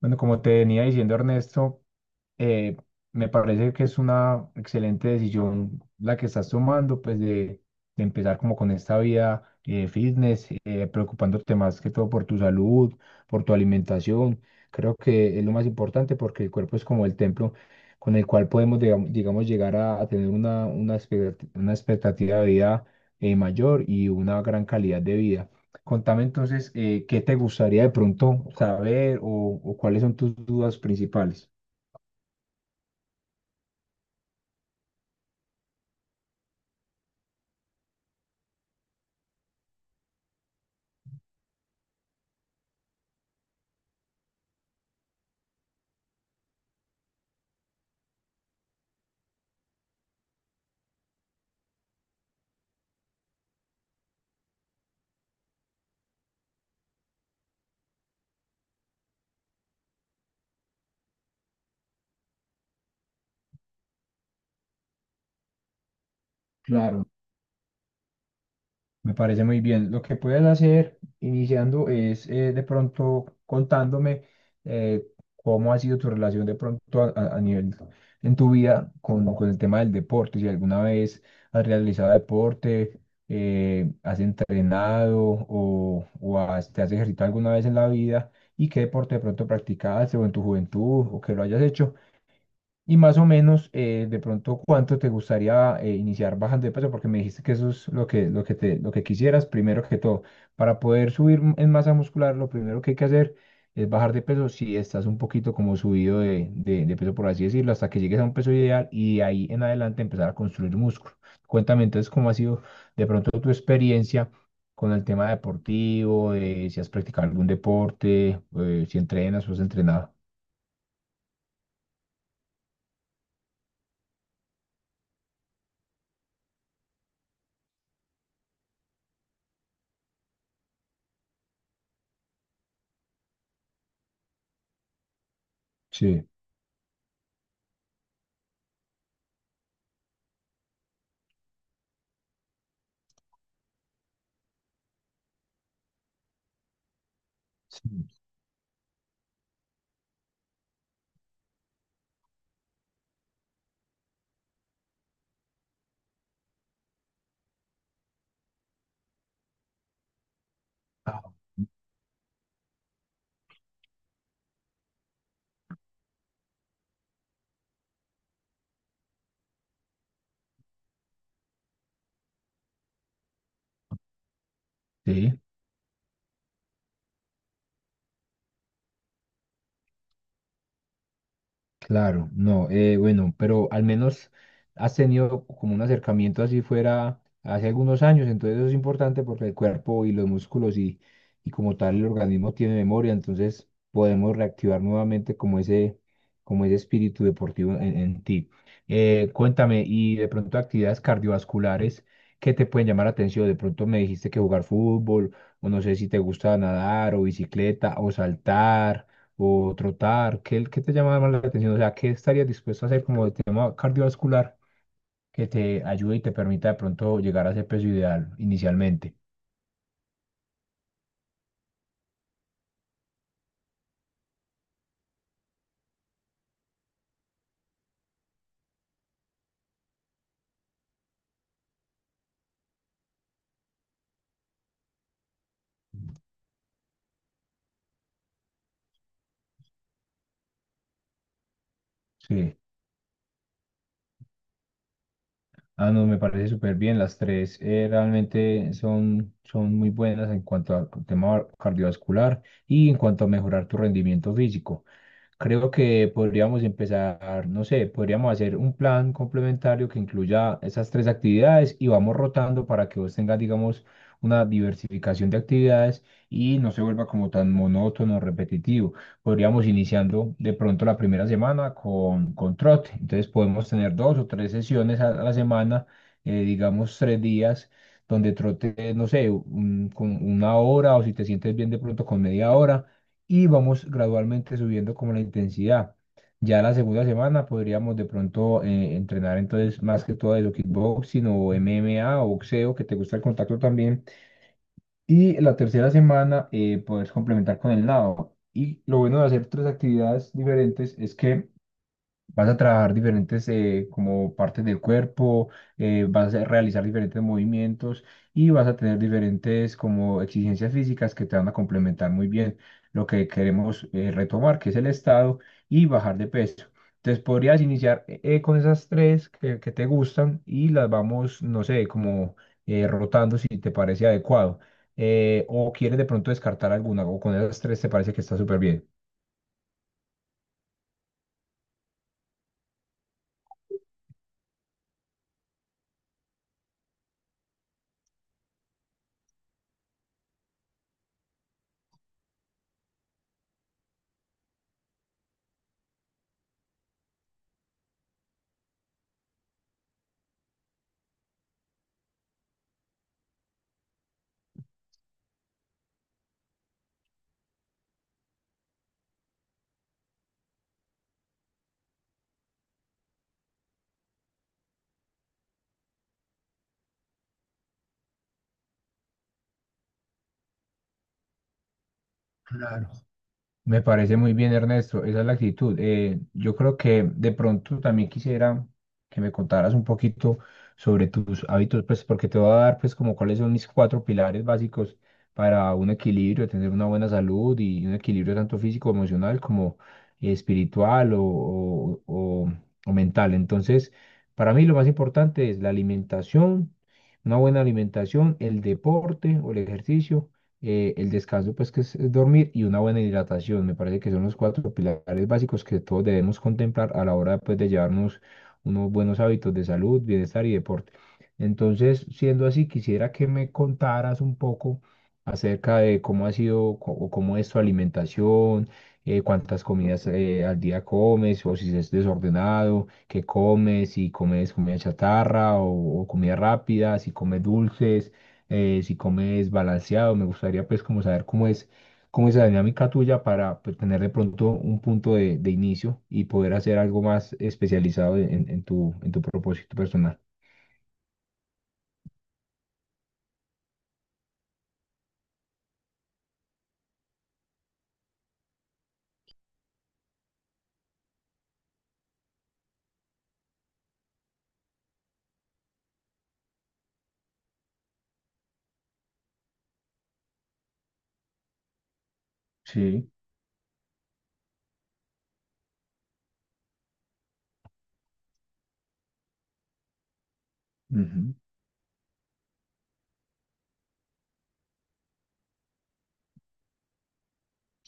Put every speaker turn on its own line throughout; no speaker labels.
Bueno, como te venía diciendo Ernesto, eh, me parece que es una excelente decisión la que estás tomando, pues de empezar como con esta vida fitness, preocupándote más que todo por tu salud, por tu alimentación. Creo que es lo más importante porque el cuerpo es como el templo con el cual podemos, digamos, llegar a tener una una expectativa de vida mayor y una gran calidad de vida. Contame entonces, ¿qué te gustaría de pronto saber o cuáles son tus dudas principales? Claro. Me parece muy bien. Lo que puedes hacer iniciando es de pronto contándome eh, cómo ha sido tu relación de pronto a nivel en tu vida con el tema del deporte. Si alguna vez has realizado deporte, has entrenado o te has ejercitado alguna vez en la vida y qué deporte de pronto practicaste o en tu juventud o que lo hayas hecho y más o menos, de pronto, ¿cuánto te gustaría iniciar bajando de peso? Porque me dijiste que eso es lo que, lo que quisieras, primero que todo. Para poder subir en masa muscular, lo primero que hay que hacer es bajar de peso si estás un poquito como subido de peso, por así decirlo, hasta que llegues a un peso ideal y de ahí en adelante empezar a construir músculo. Cuéntame entonces cómo ha sido de pronto tu experiencia con el tema deportivo, si has practicado algún deporte, si entrenas o has entrenado. Sí. Sí. Ah. Sí, claro, no, bueno, pero al menos has tenido como un acercamiento así fuera hace algunos años, entonces eso es importante porque el cuerpo y los músculos y como tal el organismo tiene memoria, entonces podemos reactivar nuevamente como ese espíritu deportivo en ti. Cuéntame, y de pronto actividades cardiovasculares que te pueden llamar la atención, de pronto me dijiste que jugar fútbol, o no sé si te gusta nadar o bicicleta o saltar. O trotar? ¿Qué, qué te llama más la atención? O sea, ¿qué estarías dispuesto a hacer como de tema cardiovascular que te ayude y te permita de pronto llegar a ese peso ideal inicialmente? Sí. Ah, no, me parece súper bien. Las tres realmente son, son muy buenas en cuanto al tema cardiovascular y en cuanto a mejorar tu rendimiento físico. Creo que podríamos empezar, no sé, podríamos hacer un plan complementario que incluya esas tres actividades y vamos rotando para que vos tengas, digamos, una diversificación de actividades y no se vuelva como tan monótono, repetitivo. Podríamos iniciando de pronto la primera semana con trote. Entonces podemos tener dos o tres sesiones a la semana, digamos tres días, donde trote, no sé, con una hora o si te sientes bien de pronto con media hora y vamos gradualmente subiendo como la intensidad. Ya la segunda semana podríamos de pronto entrenar entonces más que todo de lo kickboxing o MMA o boxeo, que te gusta el contacto también. Y la tercera semana puedes complementar con el nado. Y lo bueno de hacer tres actividades diferentes es que vas a trabajar diferentes como partes del cuerpo, vas a realizar diferentes movimientos y vas a tener diferentes como exigencias físicas que te van a complementar muy bien lo que queremos retomar, que es el estado y bajar de peso. Entonces podrías iniciar con esas tres que te gustan y las vamos, no sé, como rotando si te parece adecuado. O quieres de pronto descartar alguna o con esas tres te parece que está súper bien. Claro. Me parece muy bien, Ernesto. Esa es la actitud. Yo creo que de pronto también quisiera que me contaras un poquito sobre tus hábitos, pues porque te voy a dar pues como cuáles son mis cuatro pilares básicos para un equilibrio, tener una buena salud y un equilibrio tanto físico, emocional como espiritual o mental. Entonces, para mí lo más importante es la alimentación, una buena alimentación, el deporte o el ejercicio el descanso, pues que es dormir y una buena hidratación. Me parece que son los cuatro pilares básicos que todos debemos contemplar a la hora pues, de llevarnos unos buenos hábitos de salud, bienestar y deporte. Entonces, siendo así, quisiera que me contaras un poco acerca de cómo ha sido o cómo es tu alimentación, cuántas comidas al día comes o si es desordenado, qué comes, si comes comida chatarra o comida rápida, si comes dulces si comes balanceado, me gustaría pues como saber cómo es la dinámica tuya para pues, tener de pronto un punto de inicio y poder hacer algo más especializado en tu propósito personal. Sí, ujú,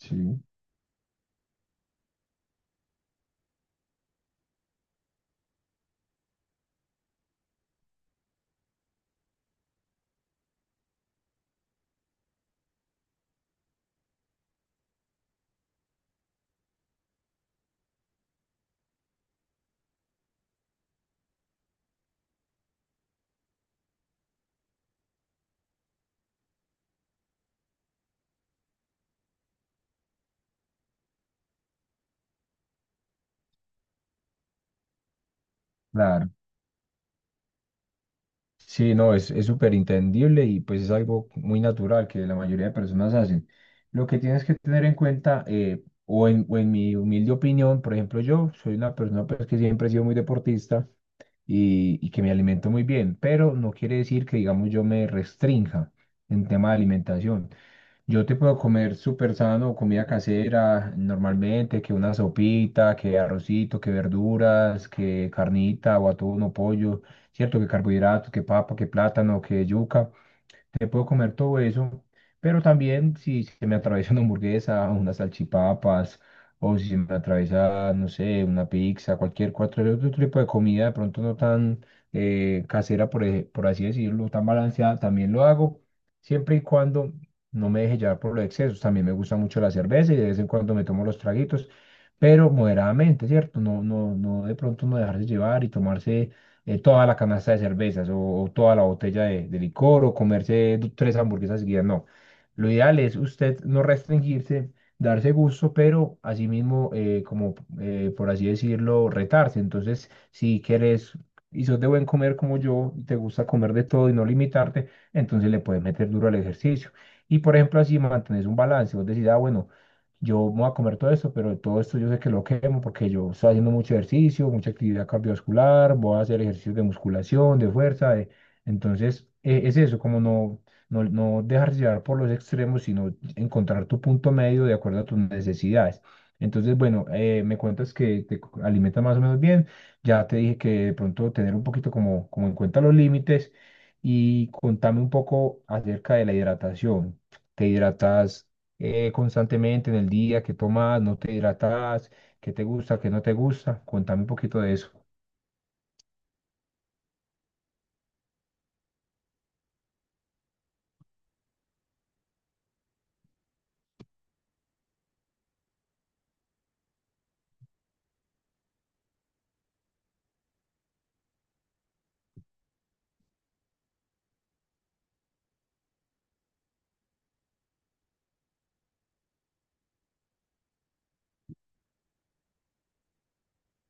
sí. Claro. Sí, no, es súper entendible y pues es algo muy natural que la mayoría de personas hacen. Lo que tienes que tener en cuenta, o en mi humilde opinión, por ejemplo, yo soy una persona pues, que siempre he sido muy deportista y que me alimento muy bien, pero no quiere decir que, digamos, yo me restrinja en tema de alimentación. Yo te puedo comer súper sano, comida casera, normalmente, que una sopita, que arrocito, que verduras, que carnita o atún o pollo, ¿cierto? Que carbohidratos, que papa, que plátano, que yuca me puedo comer todo eso, pero también si se me atraviesa una hamburguesa, unas salchipapas, o si se me atraviesa, no sé, una pizza, cualquier otro tipo de comida, de pronto no tan casera, por así decirlo, tan balanceada, también lo hago, siempre y cuando no me deje llevar por los excesos. También me gusta mucho la cerveza y de vez en cuando me tomo los traguitos, pero moderadamente, ¿cierto? No, no, no de pronto no dejarse llevar y tomarse toda la canasta de cervezas o toda la botella de licor o comerse tres hamburguesas seguidas, no. Lo ideal es usted no restringirse, darse gusto, pero asimismo, como por así decirlo, retarse. Entonces, si quieres y sos de buen comer como yo y te gusta comer de todo y no limitarte, entonces le puedes meter duro al ejercicio. Y por ejemplo, así mantienes un balance. Vos decís, ah, bueno yo me voy a comer todo esto, pero todo esto yo sé que lo quemo porque yo estoy haciendo mucho ejercicio, mucha actividad cardiovascular, voy a hacer ejercicios de musculación, de fuerza, de- entonces es eso, como no, no, no dejarse llevar por los extremos, sino encontrar tu punto medio de acuerdo a tus necesidades. Entonces, bueno, me cuentas que te alimentas más o menos bien, ya te dije que de pronto tener un poquito como, como en cuenta los límites y contame un poco acerca de la hidratación. ¿Te hidratas? Constantemente en el día, qué tomas, no te hidratas, qué te gusta, qué no te gusta. Cuéntame un poquito de eso.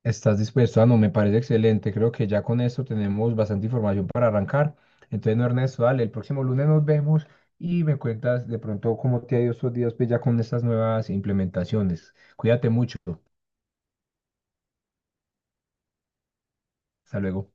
¿Estás dispuesto? Ah, no, me parece excelente. Creo que ya con esto tenemos bastante información para arrancar. Entonces, no, Ernesto, dale, el próximo lunes nos vemos y me cuentas de pronto cómo te ha ido estos días pues, ya con estas nuevas implementaciones. Cuídate mucho. Hasta luego.